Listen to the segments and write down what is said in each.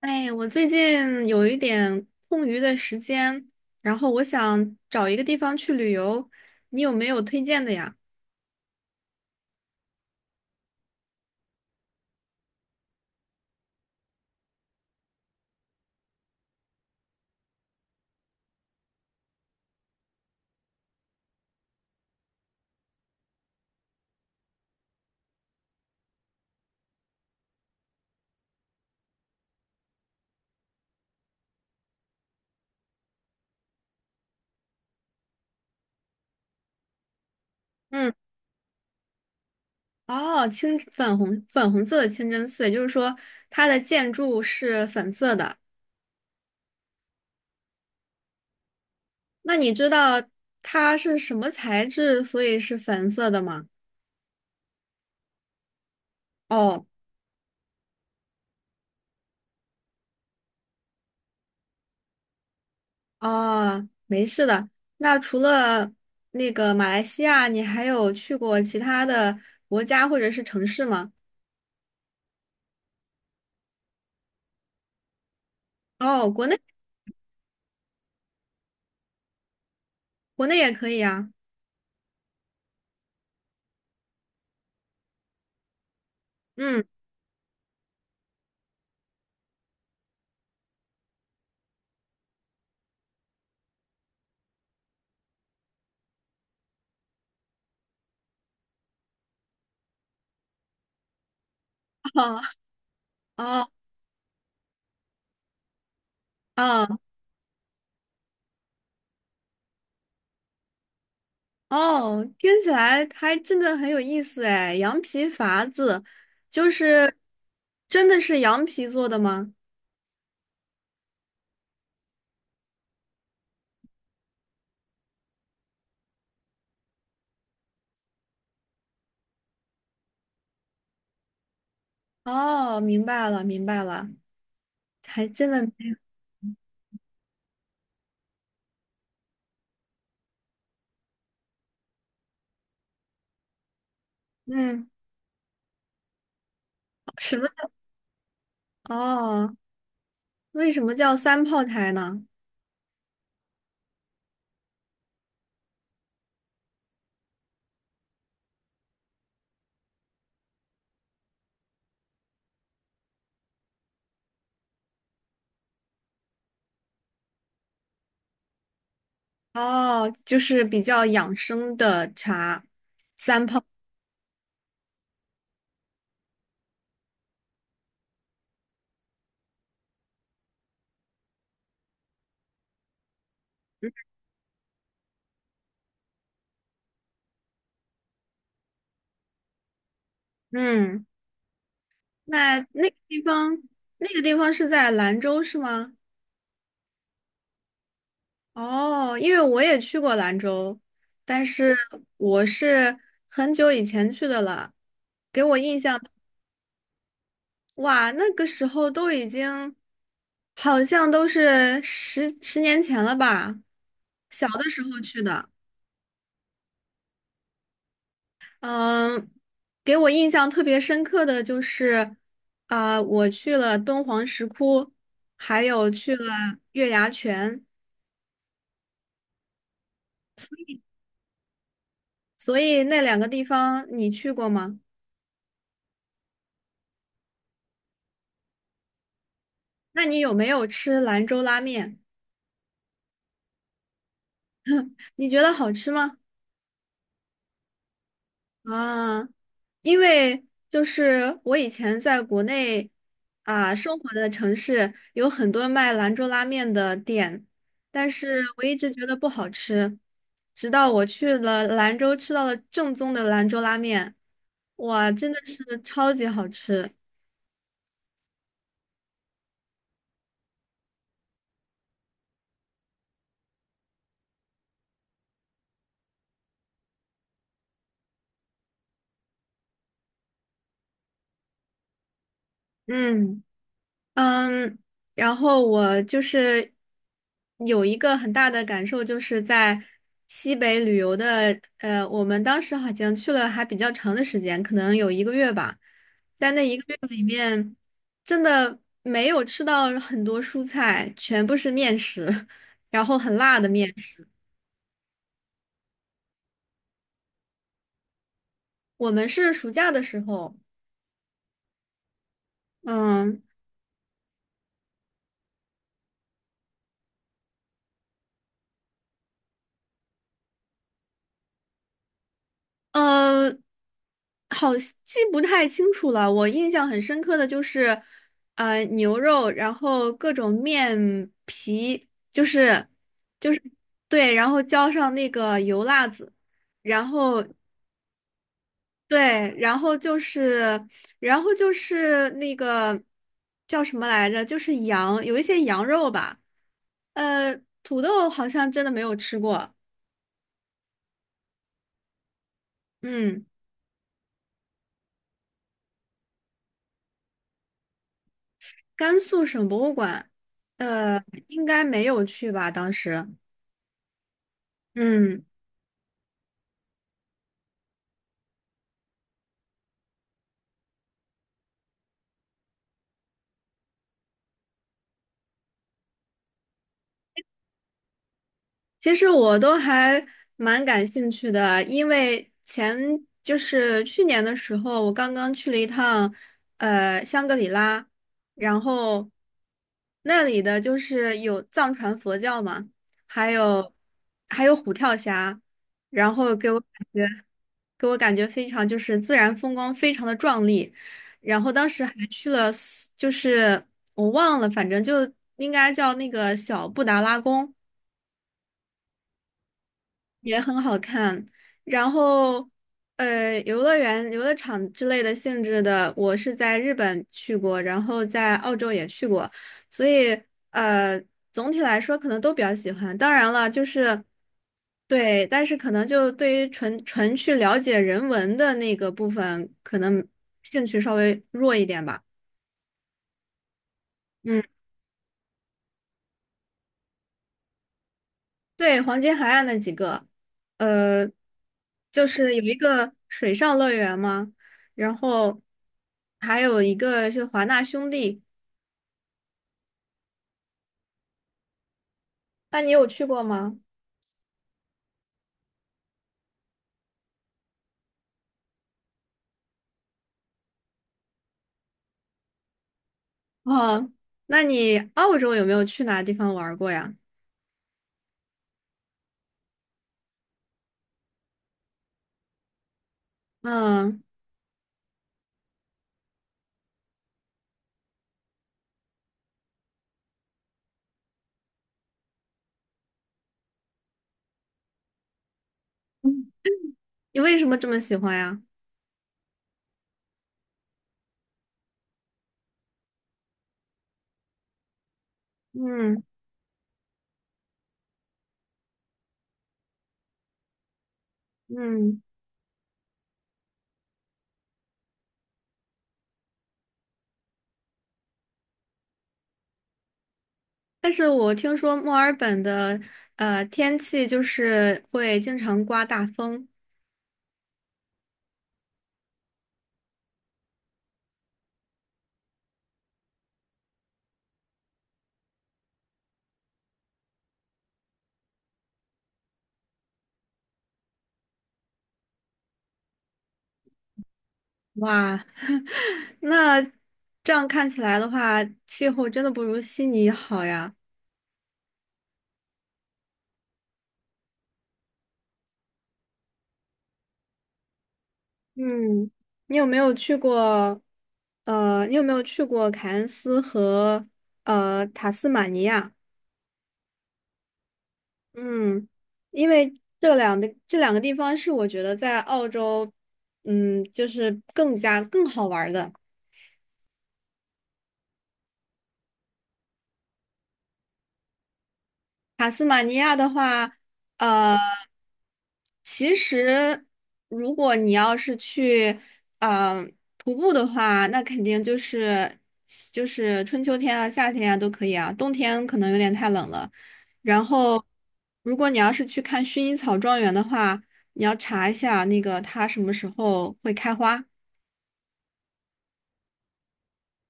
哎，我最近有一点空余的时间，然后我想找一个地方去旅游，你有没有推荐的呀？嗯，哦，清粉红粉红色的清真寺，也就是说它的建筑是粉色的。那你知道它是什么材质，所以是粉色的吗？哦，哦，没事的。那除了那个马来西亚，你还有去过其他的国家或者是城市吗？哦，国内,也可以啊。嗯，哦哦哦哦，听起来还真的很有意思哎。羊皮筏子，就是真的是羊皮做的吗？哦，明白了，明白了，还真的没有，嗯，什么？哦，为什么叫三炮台呢？哦，就是比较养生的茶，三炮。嗯，那那个地方，那个地方是在兰州是吗？哦，因为我也去过兰州，但是我是很久以前去的了，给我印象，哇，那个时候都已经好像都是十年前了吧，小的时候去的。嗯，给我印象特别深刻的就是，啊、我去了敦煌石窟，还有去了月牙泉，所以那两个地方你去过吗？那你有没有吃兰州拉面？你觉得好吃吗？啊，因为就是我以前在国内啊生活的城市有很多卖兰州拉面的店，但是我一直觉得不好吃，直到我去了兰州吃到了正宗的兰州拉面，哇，真的是超级好吃。嗯。嗯，然后我就是有一个很大的感受，就是在西北旅游的，我们当时好像去了还比较长的时间，可能有一个月吧，在那一个月真的没有吃到很多蔬菜，全部是面食，然后很辣的面食。我们是暑假的时候。嗯，呃，好，记不太清楚了。我印象很深刻的就是，牛肉，然后各种面皮，就是对，然后浇上那个油辣子，然后对，然后就是，然后就是那个叫什么来着？就是羊，有一些羊肉吧。呃，土豆好像真的没有吃过。嗯。甘肃省博物馆，呃，应该没有去吧？当时，嗯，其实我都还蛮感兴趣的，因为前就是去年的时候，我刚刚去了一趟，香格里拉，然后那里的就是有藏传佛教嘛，还有还有虎跳峡，然后给我感觉。给我感觉非常就是自然风光非常的壮丽，然后当时还去了苏就是我忘了，反正就应该叫那个小布达拉宫，也很好看。然后，游乐园、游乐场之类的性质的，我是在日本去过，然后在澳洲也去过，所以呃，总体来说可能都比较喜欢。当然了，就是对，但是可能就对于纯纯去了解人文的那个部分，可能兴趣稍微弱一点吧。嗯。对，黄金海岸那几个，呃，就是有一个水上乐园嘛，然后还有一个是华纳兄弟，那你有去过吗？哦，那你澳洲有没有去哪地方玩儿过呀？嗯嗯你为什么这么喜欢呀？嗯嗯，但是我听说墨尔本的天气就是会经常刮大风，哇，那这样看起来的话，气候真的不如悉尼好呀。嗯，你有没有去过？你有没有去过凯恩斯和塔斯马尼亚？嗯，因为这两个地方是我觉得在澳洲，嗯，就是更加更好玩儿的。塔斯马尼亚的话，呃，其实如果你要是去，呃，徒步的话，那肯定就是就是春秋天啊、夏天啊都可以啊，冬天可能有点太冷了。然后，如果你要是去看薰衣草庄园的话，你要查一下那个它什么时候会开花。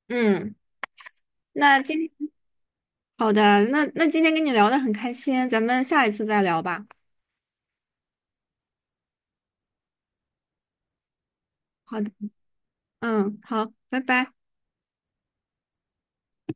嗯，那今天好的，那那今天跟你聊的很开心，咱们下一次再聊吧。好的，嗯，好，拜拜。